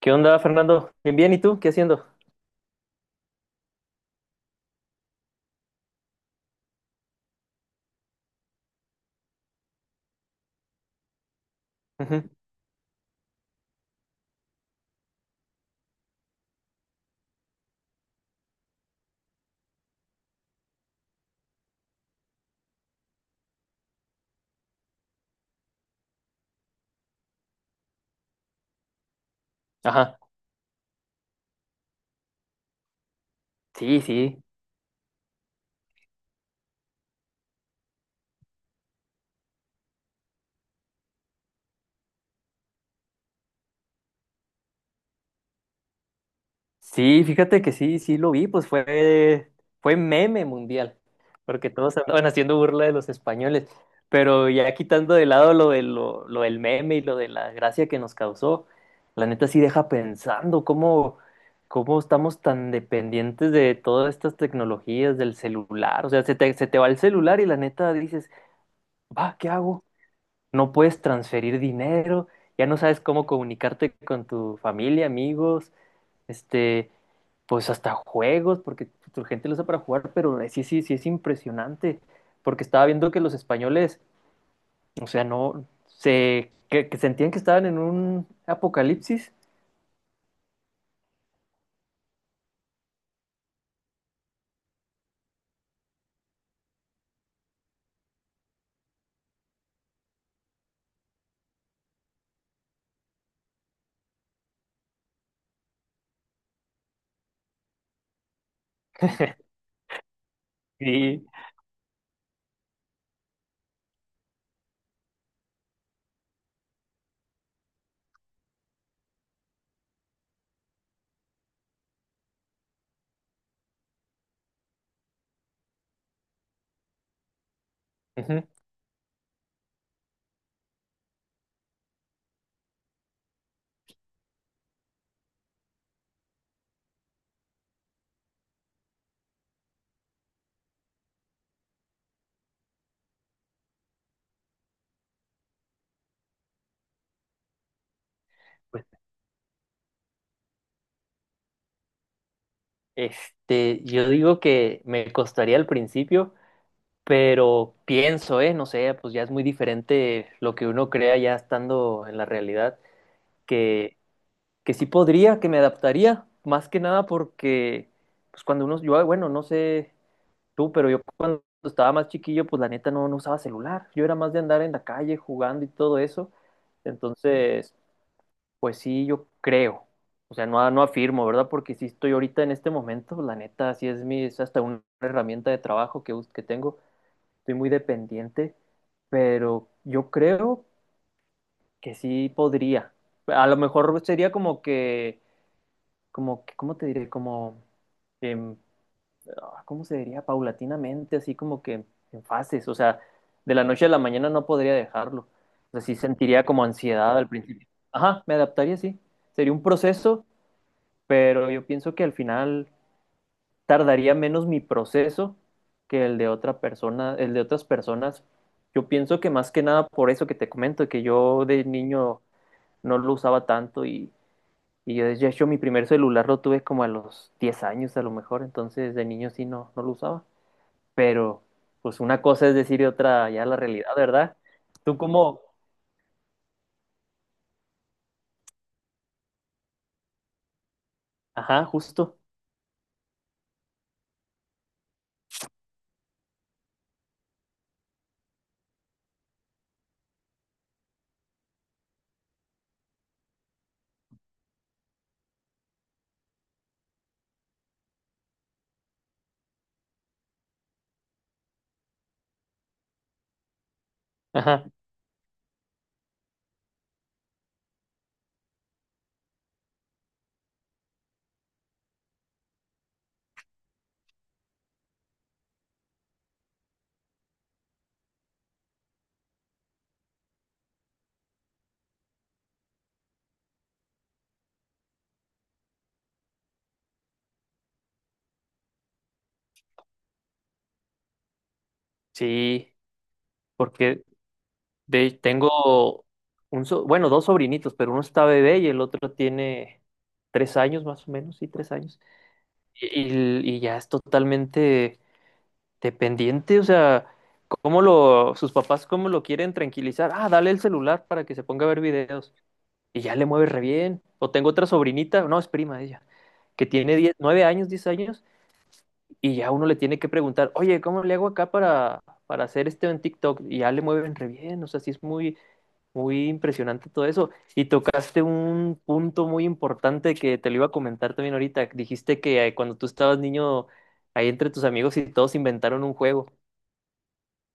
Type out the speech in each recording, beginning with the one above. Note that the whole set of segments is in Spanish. ¿Qué onda, Fernando? Bien, bien, ¿y tú? ¿Qué haciendo? Ujú. Ajá. Sí, sí. Sí, fíjate que sí, sí lo vi, pues fue meme mundial, porque todos andaban haciendo burla de los españoles, pero ya quitando de lado lo del meme y lo de la gracia que nos causó, la neta sí deja pensando cómo estamos tan dependientes de todas estas tecnologías, del celular, o sea, se te va el celular y la neta dices, va, ¿qué hago? No puedes transferir dinero, ya no sabes cómo comunicarte con tu familia, amigos, este, pues hasta juegos, porque tu gente lo usa para jugar, pero sí, sí, sí es impresionante, porque estaba viendo que los españoles, o sea, no, que sentían que estaban en un apocalipsis. Sí. Ujú. Pues, yo digo que me costaría al principio, pero pienso, no sé, pues ya es muy diferente lo que uno crea ya estando en la realidad. que, que sí podría, que me adaptaría, más que nada porque, pues cuando uno, yo, bueno, no sé tú, pero yo cuando estaba más chiquillo, pues la neta no usaba celular, yo era más de andar en la calle jugando y todo eso, entonces, pues sí, yo creo, o sea, no afirmo, ¿verdad? Porque sí estoy ahorita en este momento, pues, la neta, sí es hasta una herramienta de trabajo que tengo, estoy muy dependiente, pero yo creo que sí podría, a lo mejor sería como que ¿cómo te diré? Como, em, ah, ¿cómo se diría? Paulatinamente, así como que en fases, o sea, de la noche a la mañana no podría dejarlo. O sea, sí sentiría como ansiedad al principio. Ajá, me adaptaría, sí. Sería un proceso, pero yo pienso que al final tardaría menos mi proceso que el de otra persona, el de otras personas. Yo pienso que más que nada por eso que te comento, que yo de niño no lo usaba tanto y yo, de hecho, mi primer celular lo tuve como a los 10 años a lo mejor, entonces de niño sí no lo usaba. Pero, pues una cosa es decir y otra ya la realidad, ¿verdad? Tú como, ajá, justo, ajá, sí, porque tengo bueno, dos sobrinitos, pero uno está bebé y el otro tiene 3 años más o menos, sí, 3 años. Y, y ya es totalmente dependiente, o sea, ¿sus papás cómo lo quieren tranquilizar? Ah, dale el celular para que se ponga a ver videos. Y ya le mueve re bien. O tengo otra sobrinita, no, es prima de ella, que tiene 10, 9 años, 10 años, y ya uno le tiene que preguntar, oye, ¿cómo le hago acá para hacer esto en TikTok? Y ya le mueven re bien, o sea, sí es muy, muy impresionante todo eso. Y tocaste un punto muy importante que te lo iba a comentar también ahorita. Dijiste que cuando tú estabas niño, ahí entre tus amigos y todos inventaron un juego.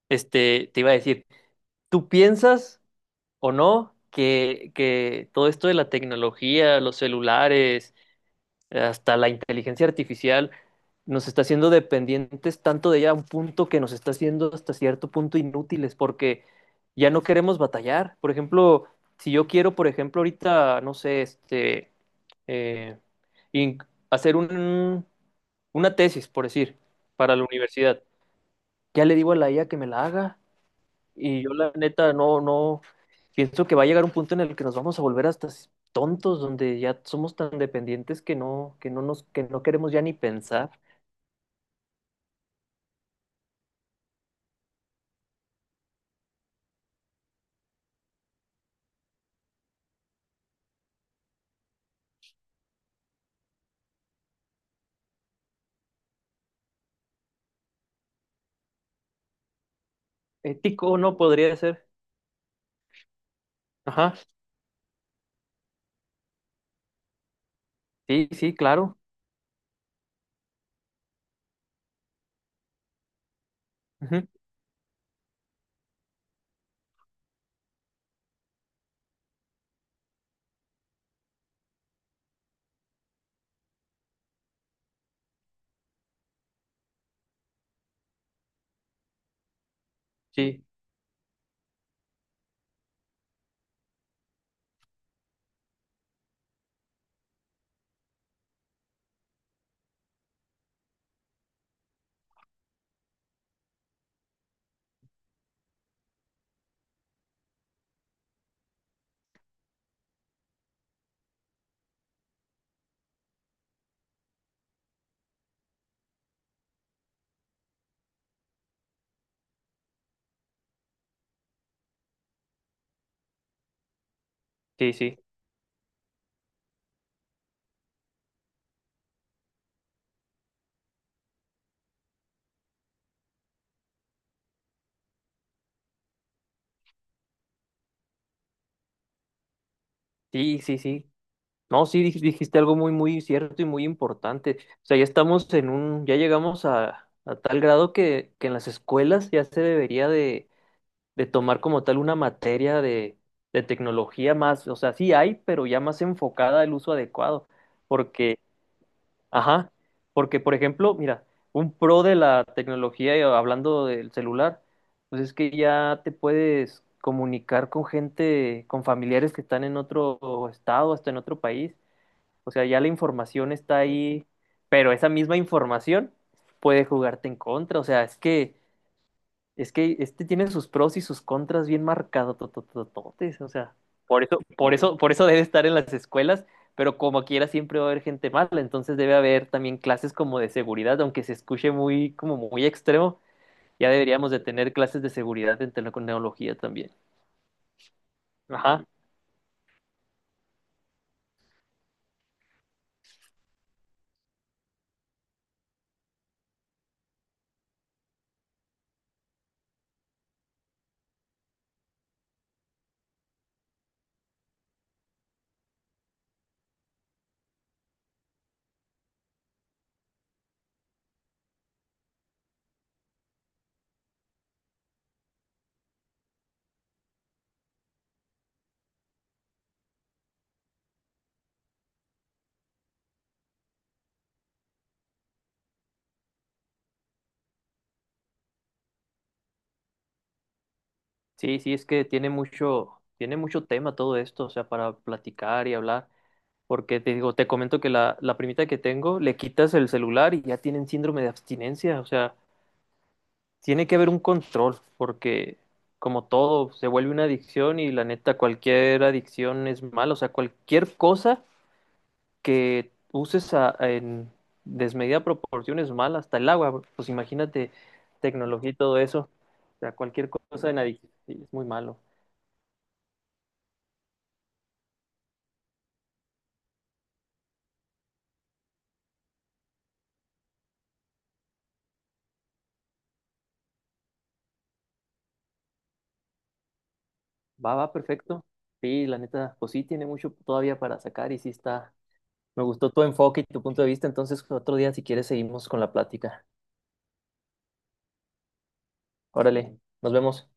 Te iba a decir, ¿tú piensas o no que todo esto de la tecnología, los celulares, hasta la inteligencia artificial, nos está haciendo dependientes tanto de ella a un punto que nos está haciendo hasta cierto punto inútiles porque ya no queremos batallar? Por ejemplo, si yo quiero, por ejemplo, ahorita, no sé, eh, in- hacer una tesis, por decir, para la universidad, ya le digo a la IA que me la haga. Y yo la neta no, no, pienso que va a llegar un punto en el que nos vamos a volver hasta tontos, donde ya somos tan dependientes que no queremos ya ni pensar. Ético no podría ser. Ajá, sí, sí, claro. Ujú. Sí, sí, sí, sí, sí, sí. No, sí, dijiste algo muy, muy cierto y muy importante. O sea, ya estamos ya llegamos a, tal grado que en las escuelas ya se debería de tomar como tal una materia de tecnología más, o sea, sí hay, pero ya más enfocada al uso adecuado, porque, ajá, porque por ejemplo, mira, un pro de la tecnología, y hablando del celular, pues es que ya te puedes comunicar con gente, con familiares que están en otro estado, hasta en otro país, o sea, ya la información está ahí, pero esa misma información puede jugarte en contra, o sea, es que este tiene sus pros y sus contras bien marcados, tototototes, o sea, por eso, por eso, por eso debe estar en las escuelas, pero como quiera siempre va a haber gente mala, entonces debe haber también clases como de seguridad, aunque se escuche muy, como muy extremo, ya deberíamos de tener clases de seguridad en tecnología también. Ajá, sí, sí, es que tiene mucho tema todo esto, o sea, para platicar y hablar. Porque te comento que la primita que tengo le quitas el celular y ya tienen síndrome de abstinencia, o sea, tiene que haber un control, porque como todo, se vuelve una adicción y la neta, cualquier adicción es mala. O sea, cualquier cosa que uses en desmedida proporción es mala, hasta el agua. Pues imagínate tecnología y todo eso. O sea, cualquier cosa en adicción es muy malo. Va, va, perfecto. Sí, la neta, pues sí, tiene mucho todavía para sacar y sí está. Me gustó tu enfoque y tu punto de vista. Entonces, otro día, si quieres, seguimos con la plática. Órale, nos vemos.